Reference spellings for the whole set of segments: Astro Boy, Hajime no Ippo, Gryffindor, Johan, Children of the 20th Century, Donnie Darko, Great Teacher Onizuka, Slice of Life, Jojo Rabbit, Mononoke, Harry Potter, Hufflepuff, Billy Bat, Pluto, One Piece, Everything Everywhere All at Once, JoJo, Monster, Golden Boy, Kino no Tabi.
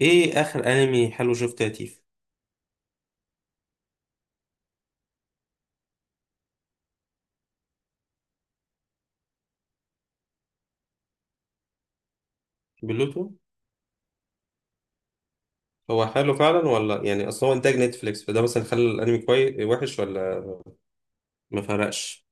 ايه اخر انمي حلو شفته يا تيف؟ بلوتو. هو حلو فعلا ولا يعني اصل هو انتاج نتفليكس فده مثلا خلى الانمي كويس وحش ولا؟ ما فرقش.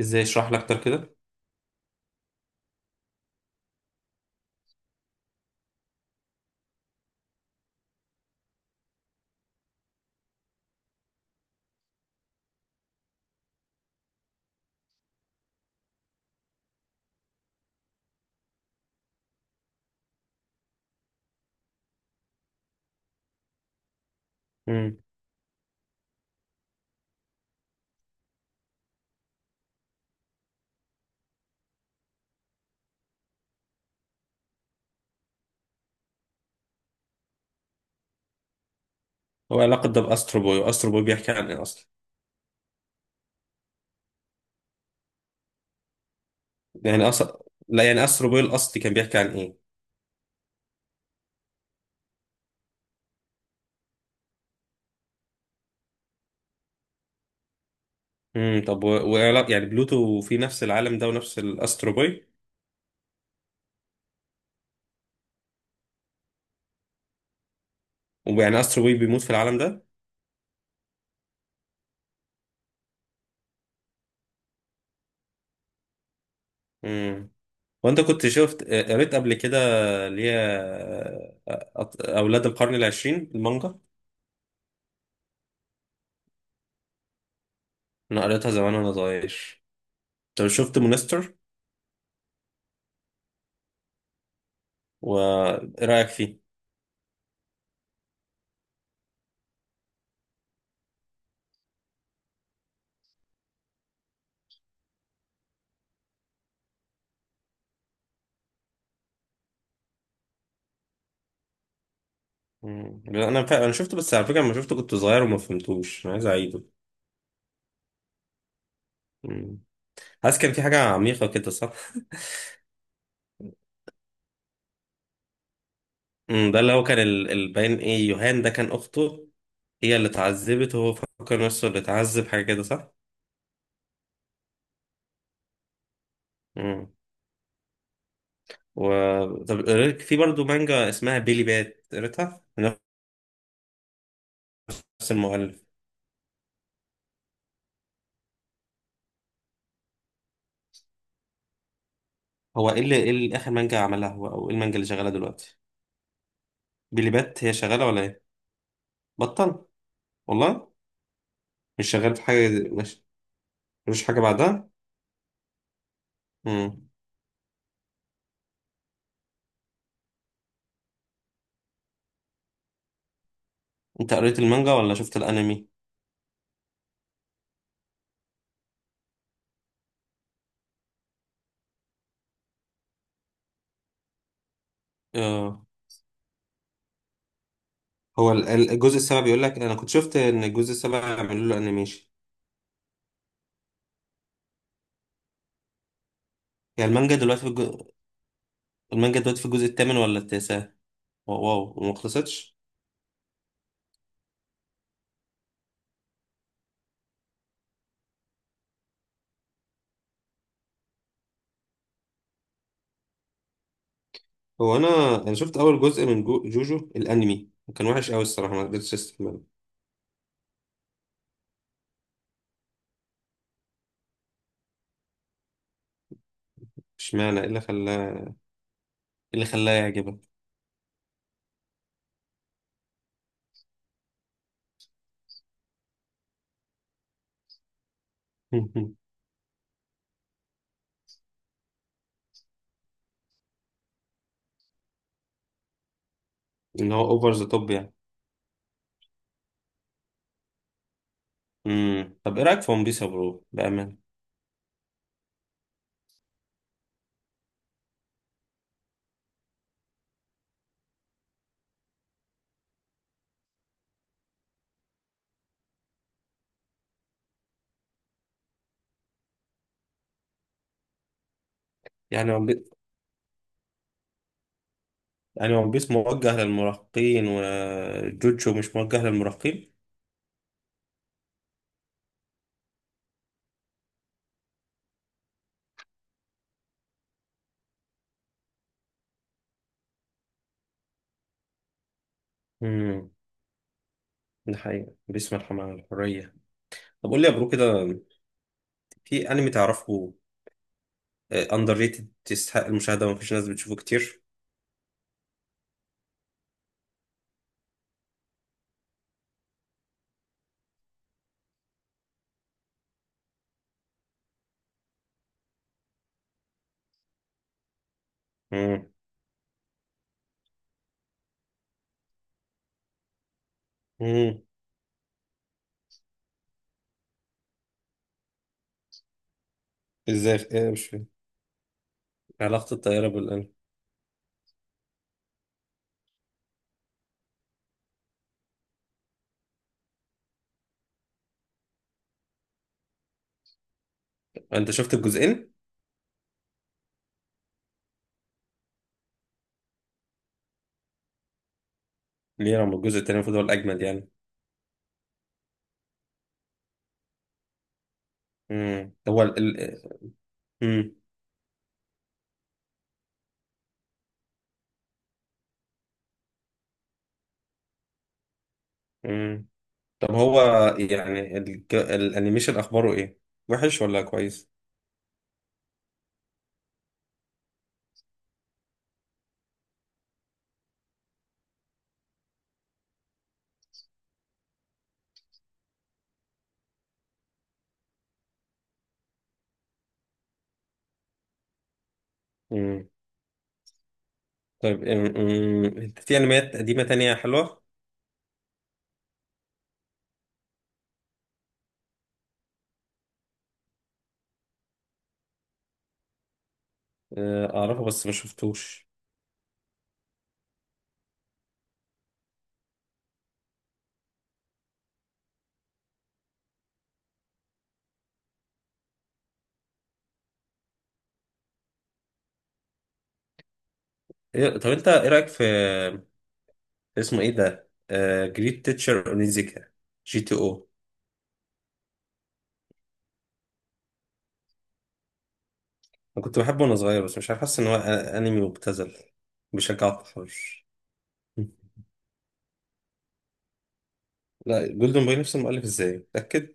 ازاي اشرح لك اكتر كده؟ امم. هو علاقه ده باسترو بوي، واسترو بوي بيحكي عن ايه اصلا؟ يعني اصلا، لا يعني استرو بوي الاصلي كان بيحكي عن ايه؟ امم. طب يعني بلوتو في نفس العالم ده ونفس الاسترو بوي؟ ويعني استرو بوي بيموت في العالم ده؟ امم. وانت كنت قريت قبل كده، اللي هي اولاد القرن العشرين المانجا؟ انا قريتها زمان وانا صغير. طب شفت مونستر؟ وايه رايك فيه؟ مم. لا، انا انا شفته، بس على فكره لما شفته كنت صغير وما فهمتوش، انا عايز اعيده. مم. حاسس كان في حاجه عميقه كده، صح؟ مم. ده اللي هو كان الباين، ايه، يوهان ده كان اخته هي اللي اتعذبت وهو فكر نفسه اللي اتعذب، حاجه كده صح؟ مم. و طب في برضه مانجا اسمها بيلي بات، قريتها من نفس المؤلف. هو ايه اللي اخر مانجا عملها هو، او ايه المانجا اللي شغاله دلوقتي؟ بيلي بات هي شغاله ولا ايه؟ بطل؟ والله. مش شغال في حاجة دي- مش مش حاجة بعدها. مم. انت قريت المانجا ولا شفت الانمي؟ اه. هو الجزء السابع، بيقول لك انا كنت شفت ان الجزء السابع عملوا له انيميشن. هي المانجا دلوقتي في المانجا دلوقتي في الجزء الثامن ولا التاسع؟ واو واو، وما خلصتش. هو انا شفت اول جزء من جوجو الانمي، وكان وحش قوي الصراحة، ما قدرتش استحمله. اشمعنى، ايه اللي خلاه، ايه اللي خلاه يعجبك؟ ان هو اوفر ذا توب يعني. امم. طب ايه رايك في ون بيس يا برو بامان؟ يعني، يعني ون بيس موجه للمراهقين وجوجو مش موجه للمراهقين؟ امم. ده حقيقة بيس مرحمة عن الحرية. طب قول لي يا برو كده، في انمي تعرفه اندر ريتد يستحق المشاهدة ومفيش ناس بتشوفه كتير؟ امم. امم. ازاي، ايه؟ مش فاهم علاقة الطيارة بالانمي. انت شفت الجزئين؟ ليه؟ رغم الجزء التاني المفروض هو الاجمد يعني. امم. هو امم. امم. طب هو يعني الانيميشن اخباره ايه؟ وحش ولا كويس؟ طيب، أم- أم، انت في انميات قديمة تانية حلوة؟ آه، اعرفها بس ما شفتوش. طب انت ايه رأيك في، اسمه ايه ده، جريت تيتشر اونيزيكا، جي تي او؟ انا كنت بحبه وانا صغير، بس مش عارف، حاسس ان هو انمي مبتذل بيشجع التحرش. لا، جولدن بوي نفس المؤلف، ازاي، متأكد؟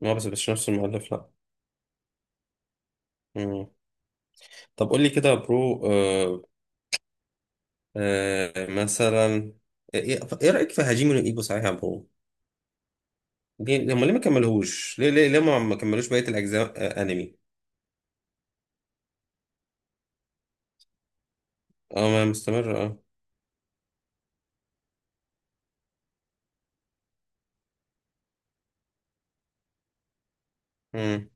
ما هو بس مش نفس المؤلف، لا. مم. طب قول لي كده يا برو، مثلا إيه رأيك في هاجيمي نو ايبو، صحيح يا برو؟ ليه هم، ليه ما كملوهوش، ليه ما كملوش بقية الأجزاء؟ أنمي. اه، ما مستمر، اه. امم.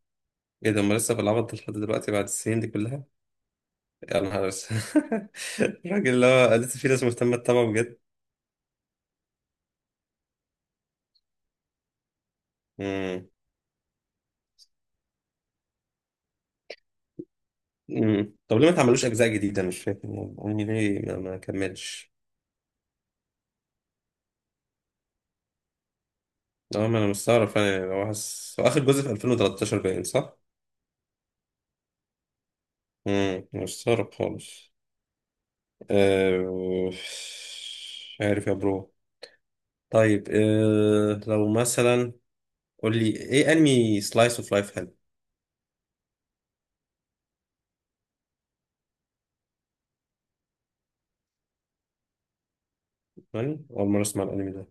ايه ده، هم لسه بالعبط ده لحد دلوقتي بعد السنين دي كلها؟ يا نهار أسود. الراجل اللي هو لسه في ناس مهتمة تتابعه بجد؟ امم. امم. طب ليه ما تعملوش أجزاء جديدة؟ أنا مش فاهم، أنمي ليه ما كملش. اه، ما أنا مستغرب فعلا، يعني هو حاسس هو آخر جزء في 2013 باين، صح؟ امم. مستغرب خالص. مش عارف يا برو. طيب لو مثلا، قول لي ايه انمي سلايس اوف لايف حلو. يعني اول مره اسمع الانمي ده.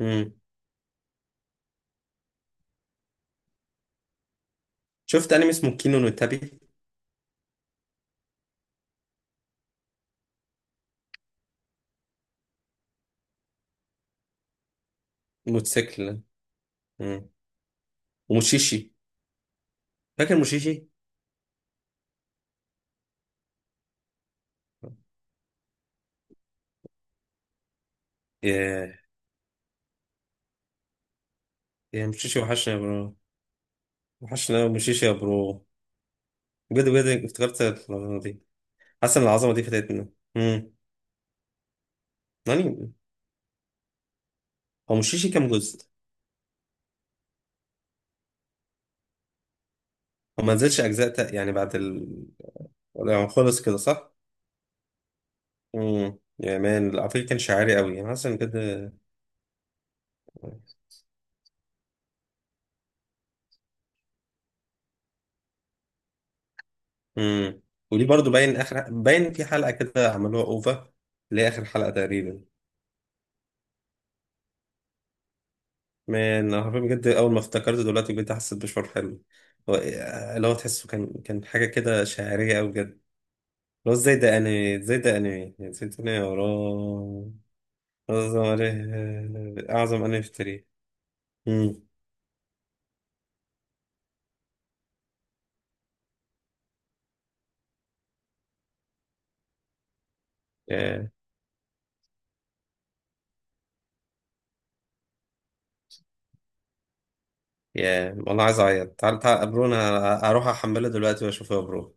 امم. شفت انمي اسمه كينو نو تابي؟ موتوسيكل. امم. وموشيشي، فاكر موشيشي؟ ياه. يا موشيشي، وحشنا يا برو. وحشنا أوي موشيشي يا برو، بجد بجد افتكرت العظمه دي. حاسس ان العظمه دي فاتتنا. امم. يعني هو موشيشي كام جزء؟ هو ما نزلش اجزاء يعني بعد يعني خلص كده، صح؟ امم. يا مان، على فكره كان شعري قوي، انا حاسس ان كده. امم. ودي برضو باين، اخر باين في حلقه كده عملوها اوفا، اللي هي اخر حلقه تقريبا. مان، انا حرفيا بجد اول ما افتكرت دلوقتي بجد حسيت بشعور حلو. هو- إيه- اللي هو تحسه كان حاجه كده شاعريه قوي بجد، اللي هو ازاي ده انمي، ازاي ده انمي نسيتني يا رب. اعظم انمي في التاريخ. امم. يا يا والله عايز اعيط. تعال تعال يا برو، انا اروح احمله دلوقتي واشوفه يا برو.